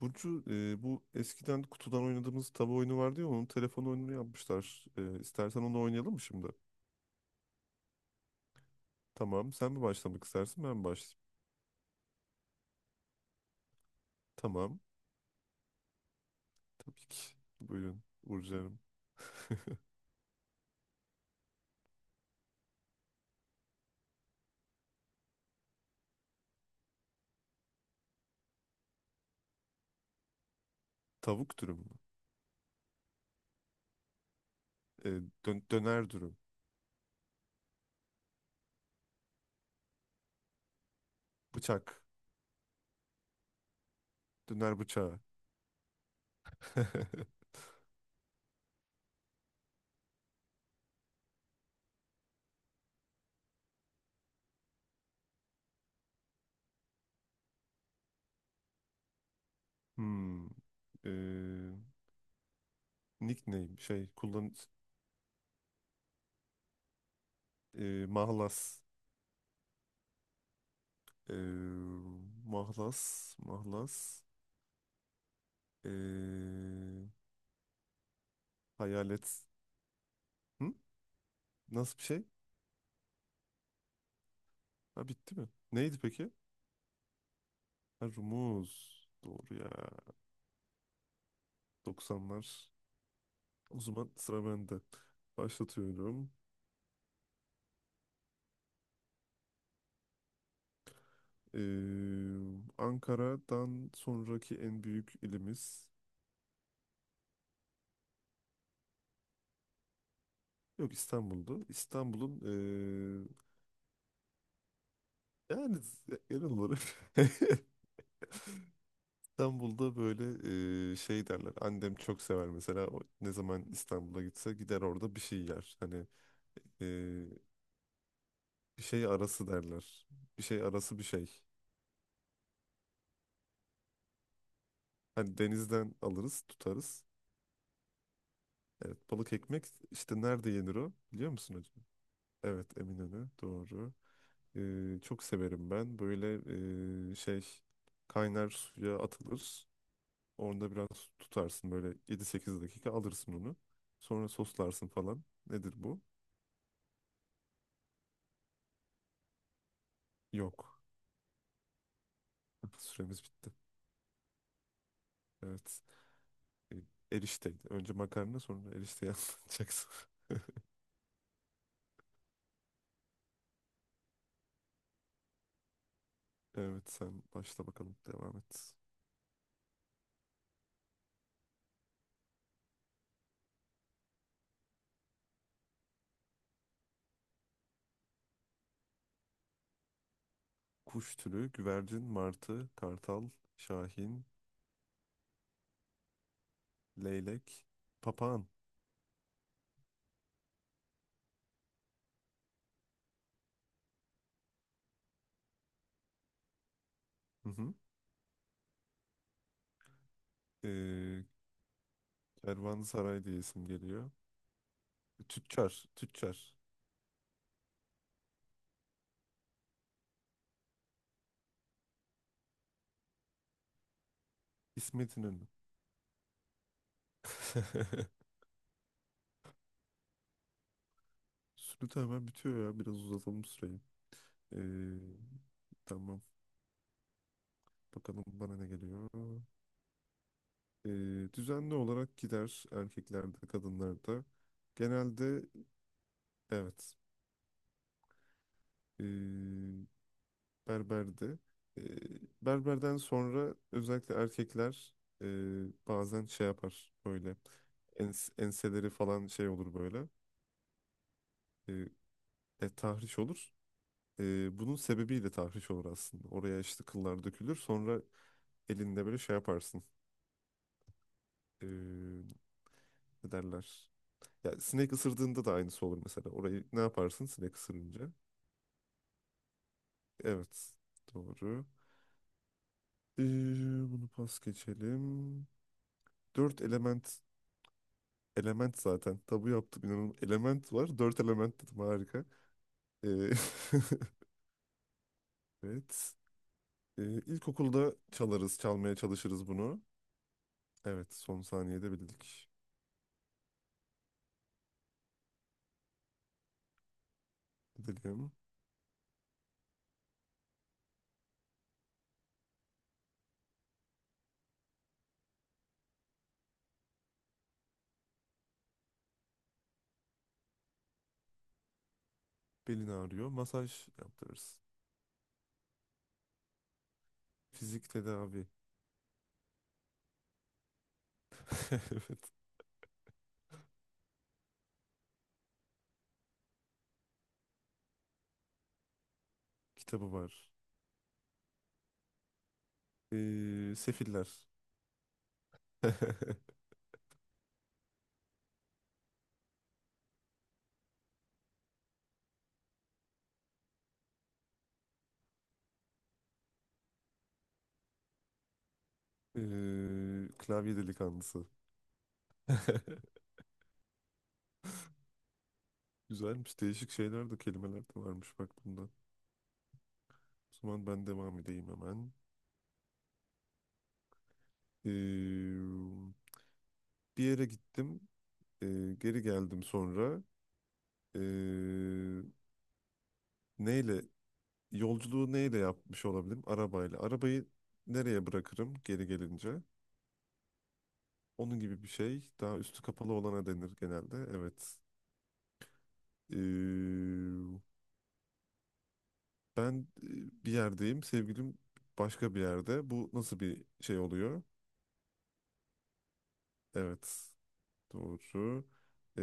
Burcu, bu eskiden kutudan oynadığımız tabu oyunu vardı ya onun telefon oyununu yapmışlar. İstersen onu oynayalım mı şimdi? Tamam. Sen mi başlamak istersin ben mi başlayayım? Tamam. Tabii ki. Buyurun Burcu'm. Tavuk dürüm mü? E, Döner dürüm. Bıçak. Döner bıçağı. Hmm. E, Nickname şey kullan, mahlas. E, Mahlas. Mahlas. E, Hayalet. Hı? Nasıl bir şey? Ha, bitti mi? Neydi peki? Ha, Rumuz. Doğru ya. 90'lar. O zaman sıra bende. Başlatıyorum. Ee, Ankara'dan sonraki en büyük ilimiz. Yok, İstanbul'du. İstanbul'un, yani genel olarak. İstanbul'da böyle şey derler. Annem çok sever mesela. O ne zaman İstanbul'a gitse gider orada bir şey yer. Hani ee, bir şey arası derler. Bir şey arası bir şey. Hani denizden alırız, tutarız. Evet, balık ekmek işte nerede yenir o? Biliyor musun hocam? Evet, Eminönü. Doğru. Çok severim ben. Böyle şey kaynar suya atılır. Orada biraz tutarsın böyle 7-8 dakika, alırsın onu. Sonra soslarsın falan. Nedir bu? Yok. Süremiz bitti. Evet. Ee, Erişteydi. Önce makarna sonra erişteyi anlatacaksın. Evet, sen başla bakalım devam et. Kuş türü güvercin, martı, kartal, şahin, leylek, papağan. Hı hı. Ee, Kervansaray diye isim geliyor. Tüccar, tüccar. İsmet İnönü. Süre hemen bitiyor ya. Biraz uzatalım süreyi. Ee, tamam. Bakalım bana ne geliyor. Ee, Düzenli olarak gider erkeklerde, kadınlarda. Genelde evet. Ee, Berberdi. E, Berberden sonra özellikle erkekler e, bazen şey yapar böyle enseleri falan şey olur böyle e, tahriş olur. Bunun sebebiyle tahriş olur aslında. Oraya işte kıllar dökülür. Sonra elinde böyle şey yaparsın. E, Ne derler? Ya sinek ısırdığında da aynısı olur mesela. Orayı ne yaparsın sinek ısırınca? Evet. Doğru. E, Bunu pas geçelim. Dört element. Element zaten. Tabu yaptım inanın. Element var. Dört element dedim harika. Ee, evet. İlkokulda çalarız, çalmaya çalışırız bunu. Evet, son saniyede bildik. Dedim. Belin ağrıyor. Masaj yaptırırız. Fizik tedavi. Evet. Kitabı var. Sefiller. Klavye delikanlısı. Güzelmiş. Değişik şeyler de kelimeler de varmış bak bunda. O zaman ben devam edeyim hemen. Ee, Bir yere gittim. Geri geldim sonra. E, Neyle? Yolculuğu neyle yapmış olabilirim? Arabayla. Arabayı nereye bırakırım geri gelince? Onun gibi bir şey. Daha üstü kapalı olana denir genelde. Evet. E, Ben bir yerdeyim. Sevgilim başka bir yerde. Bu nasıl bir şey oluyor? Evet. Doğru.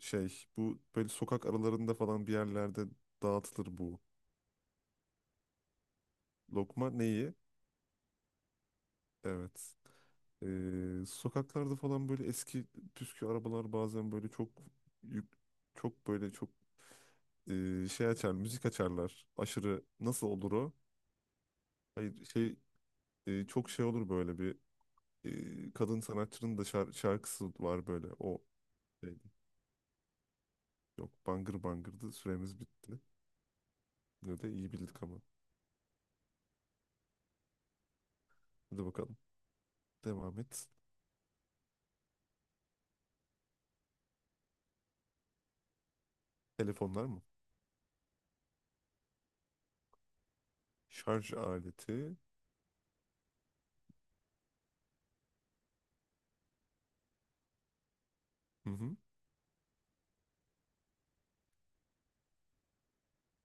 Şey bu böyle sokak aralarında falan bir yerlerde dağıtılır bu. Lokma neyi? Evet. Sokaklarda falan böyle eski püskü arabalar bazen böyle çok yük- çok böyle çok şey açar, müzik açarlar. Aşırı nasıl olur o? Hayır, şey çok şey olur böyle bir kadın sanatçının da şarkısı var böyle. O şeydi. Yok, bangır bangırdı. Süremiz bitti. Yine de iyi bildik ama. Hadi bakalım. Devam et. Telefonlar mı? Şarj aleti. Hı hı.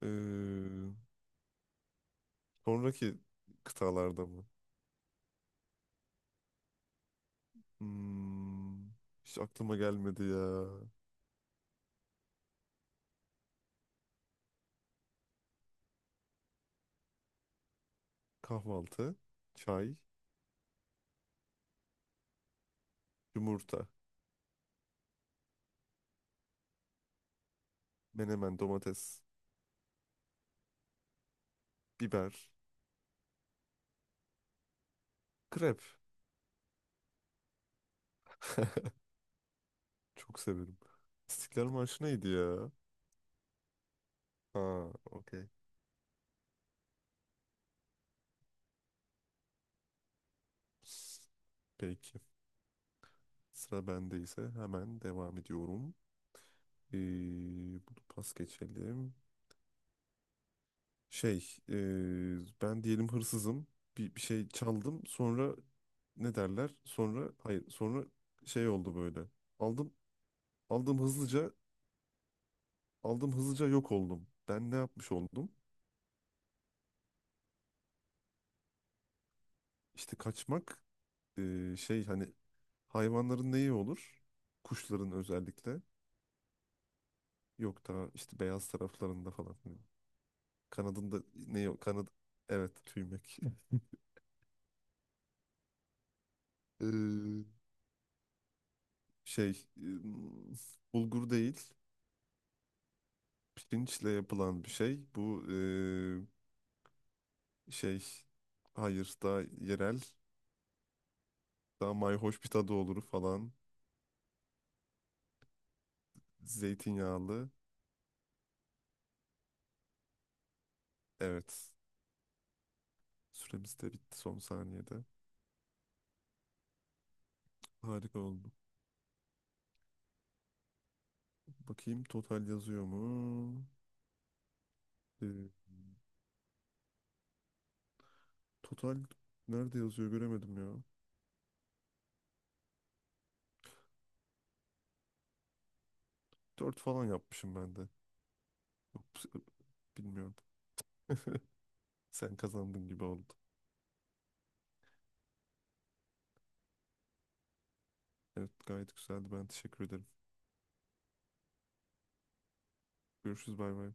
Ee, Sonraki kıtalarda mı? Hmm, hiç aklıma gelmedi ya. Kahvaltı, çay, yumurta, menemen, domates, biber, krep. Çok severim. İstiklal Marşı neydi ya? Ha, okey. Peki. Sıra bende ise hemen devam ediyorum. Ee, Bunu pas geçelim. Şey, ben diyelim hırsızım. Bir şey çaldım. Sonra ne derler? Sonra hayır, sonra şey oldu böyle. Aldım Aldım hızlıca, aldım hızlıca yok oldum. Ben ne yapmış oldum? İşte kaçmak şey hani hayvanların neyi olur? Kuşların özellikle. Yok daha işte beyaz taraflarında falan. Hani kanadında ne o Kanad, evet tüymek. E, Şey e, bulgur değil. Pirinçle yapılan bir şey. Bu şey hayır daha yerel daha mayhoş bir tadı olur falan. Zeytinyağlı. Evet. Süremiz de bitti son saniyede. Harika oldu. Bakayım total yazıyor mu? Ee, Total nerede yazıyor göremedim ya. Dört falan yapmışım ben de. Ups. Bilmiyorum. Sen kazandın gibi oldu. Evet, gayet güzeldi. Ben teşekkür ederim. Görüşürüz, bay bay.